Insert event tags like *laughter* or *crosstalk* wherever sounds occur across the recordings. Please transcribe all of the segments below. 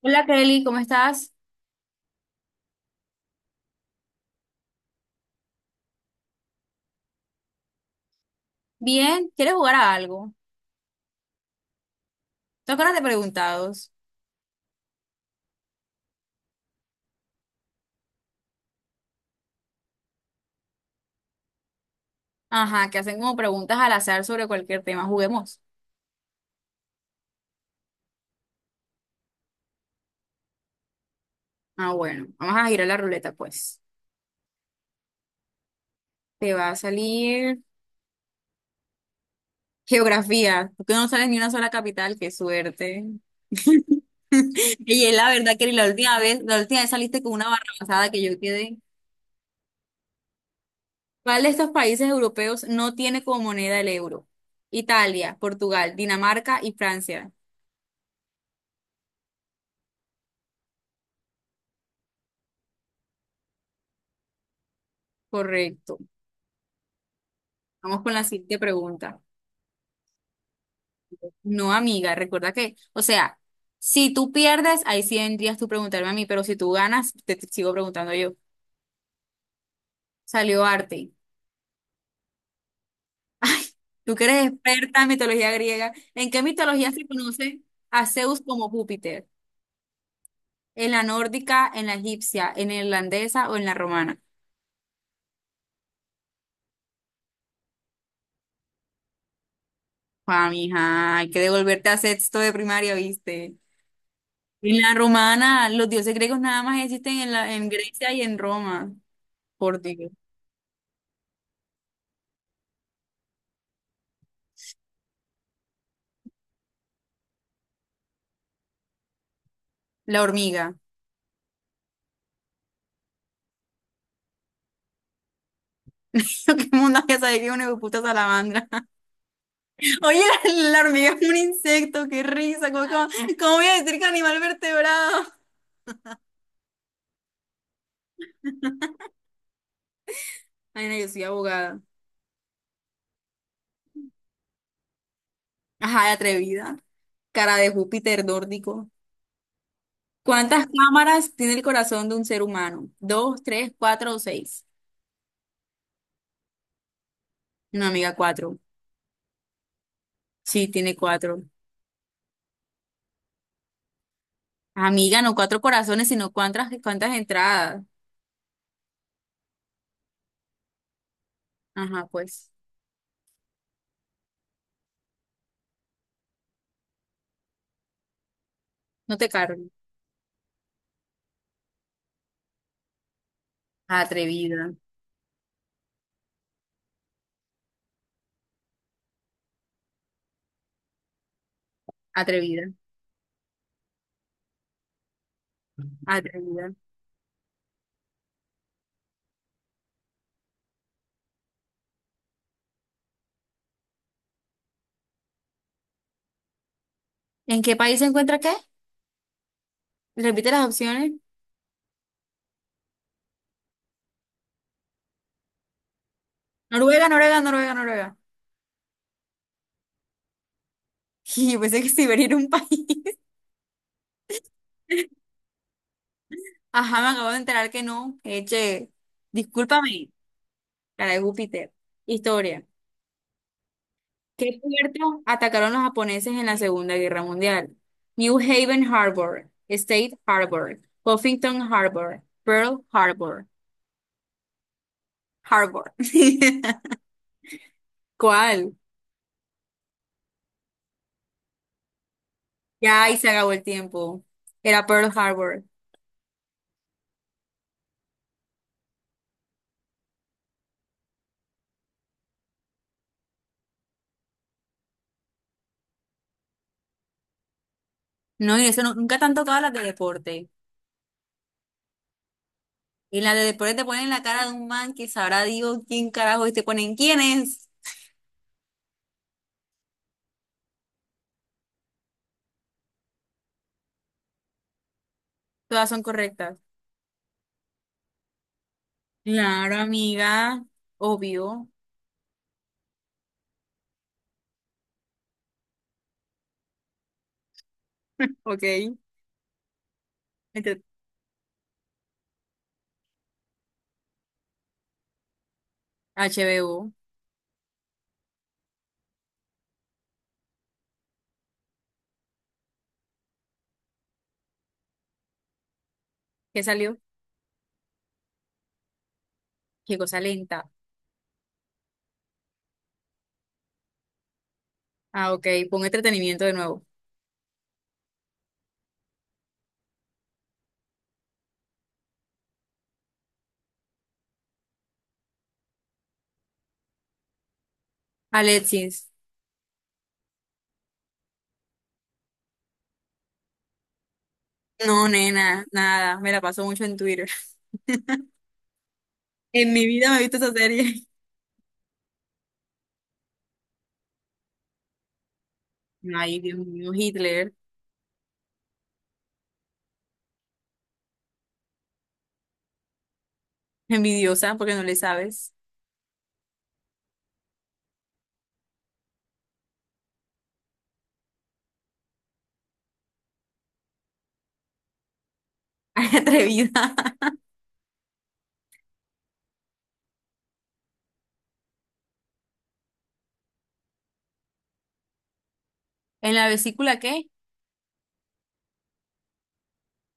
Hola Kelly, ¿cómo estás? Bien, ¿quieres jugar a algo? ¿Te acuerdas de preguntados? Ajá, que hacen como preguntas al azar sobre cualquier tema. Juguemos. Ah, bueno, vamos a girar la ruleta, pues. Te va a salir geografía, porque no sales ni una sola capital, qué suerte. *laughs* Y es la verdad, Kelly, la última vez saliste con una barra pasada que yo quedé. ¿Cuál de estos países europeos no tiene como moneda el euro? Italia, Portugal, Dinamarca y Francia. Correcto. Vamos con la siguiente pregunta. No, amiga, recuerda que, o sea, si tú pierdes, ahí sí vendrías tú preguntarme a mí, pero si tú ganas, te sigo preguntando yo. Salió arte. Tú que eres experta en mitología griega, ¿en qué mitología se conoce a Zeus como Júpiter? ¿En la nórdica, en la egipcia, en la irlandesa o en la romana? Ah, mija, hay que devolverte a sexto de primaria, ¿viste? En la romana, los dioses griegos nada más existen en Grecia y en Roma. Por Dios. La hormiga. *laughs* Lo que mundo había salido una puta salamandra. *laughs* Oye, la hormiga es un insecto, qué risa. ¿ Cómo voy a decir que animal vertebrado? Ay, no, yo soy abogada. Ajá, de atrevida. Cara de Júpiter nórdico. ¿Cuántas cámaras tiene el corazón de un ser humano? ¿Dos, tres, cuatro o seis? No, amiga, cuatro. Sí, tiene cuatro. Amiga, no cuatro corazones, sino cuántas entradas. Ajá, pues. No te cargo. Atrevida, atrevida, atrevida. ¿En qué país se encuentra qué? Repite las opciones. Noruega, Noruega, Noruega, Noruega. *laughs* Y pensé que Siberia era un país. *laughs* Ajá, me acabo de enterar que no. Eche, discúlpame, cara de Júpiter. Historia. ¿Qué puerto atacaron los japoneses en la Segunda Guerra Mundial? New Haven Harbor, State Harbor, Huffington Harbor, Pearl Harbor, Harbor. *laughs* ¿Cuál? Ya ahí se acabó el tiempo. Era Pearl Harbor. No, y eso nunca te han tocado las de deporte. Y la de después te ponen la cara de un man que sabrá Dios quién carajo y te ponen quiénes. Todas son correctas. Claro, amiga. Obvio. Ok. Entre- HBO. ¿Qué salió? Qué cosa lenta. Ah, ok. Pon entretenimiento de nuevo. Alexis. No, nena, nada. Me la paso mucho en Twitter. *laughs* En mi vida me he visto esa serie. *laughs* Ay, Dios mío, Hitler. Envidiosa, porque no le sabes. *laughs* Ay, atrevida. ¿En la vesícula qué?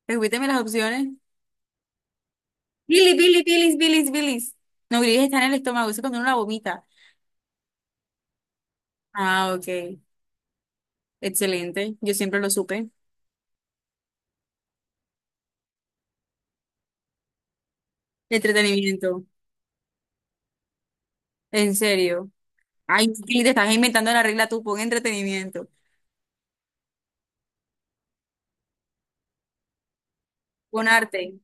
Repíteme las opciones. Billy, Billy, bilis, bilis, bilis. No, bilis está en el estómago, eso es cuando uno la vomita. Ah, ok. Excelente. Yo siempre lo supe. Entretenimiento. ¿En serio? Ay, Billy, te estás inventando la regla tú. Pon entretenimiento. Pon arte.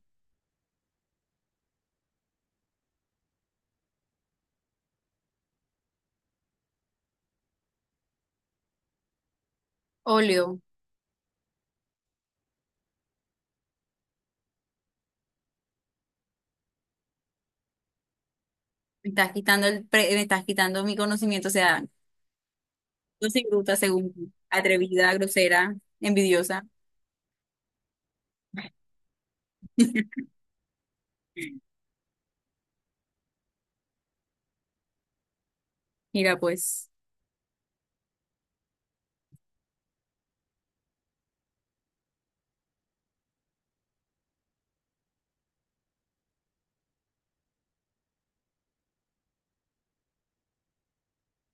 Óleo. Me estás quitando mi conocimiento. O sea, yo soy bruta según tú. Atrevida, grosera, envidiosa. Mira, pues.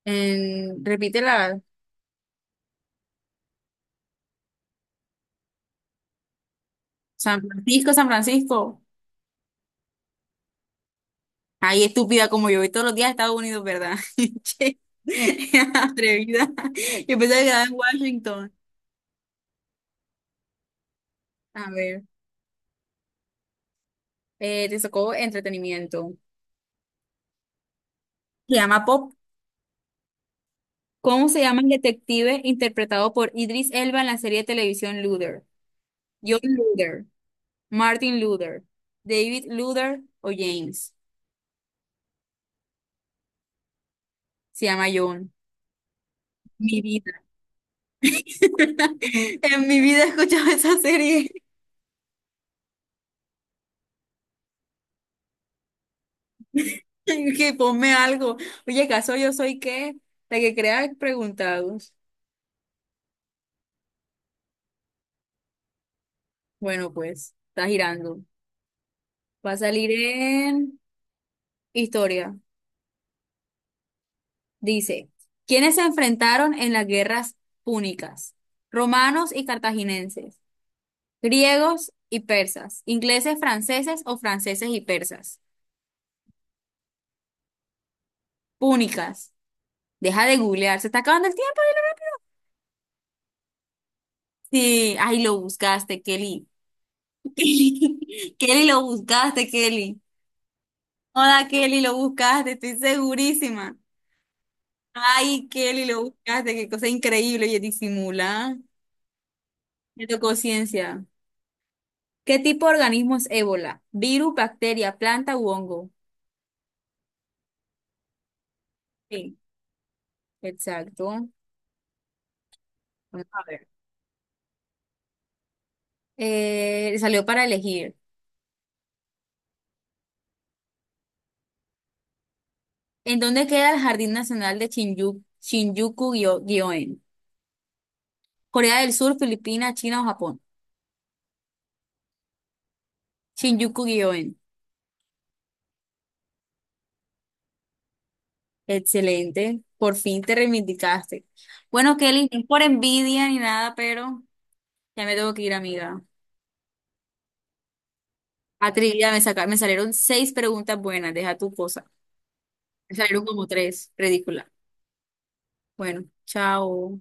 Repítela. San Francisco, San Francisco. Ay, estúpida como yo voy todos los días a Estados Unidos, ¿verdad? *laughs* Che, *laughs* atrevida. Yo pensaba que estaba en Washington. A ver, te sacó entretenimiento. Se llama Pop. ¿Cómo se llama el detective interpretado por Idris Elba en la serie de televisión Luther? John Luther, Martin Luther, David Luther o James. Se llama John. Mi vida. *laughs* En mi vida he escuchado esa serie. *laughs* Que ponme algo. Oye, ¿caso yo soy qué? La que crea preguntados. Bueno, pues, está girando. Va a salir en historia. Dice, ¿quiénes se enfrentaron en las guerras púnicas? Romanos y cartaginenses, griegos y persas, ingleses, franceses o franceses y persas. Púnicas. Deja de googlear, se está acabando el tiempo. Sí, ay, lo buscaste, Kelly. *laughs* Kelly, lo buscaste, Kelly. Hola Kelly, lo buscaste, estoy segurísima. Ay, Kelly, lo buscaste, qué cosa increíble, oye, disimula. Me tocó ciencia. ¿Qué tipo de organismo es ébola? ¿Virus, bacteria, planta u hongo? Sí, exacto. Vamos a ver. Salió para elegir. ¿En dónde queda el Jardín Nacional de Shinjuku, Shinjuku-gyoen? ¿Corea del Sur, Filipinas, China o Japón? Shinjuku-gyoen. Excelente, por fin te reivindicaste. Bueno, Kelly, no es por envidia ni nada, pero ya me tengo que ir, amiga. A trivia me saca, me salieron seis preguntas buenas, deja tu cosa. Me salieron como tres, ridícula. Bueno, chao.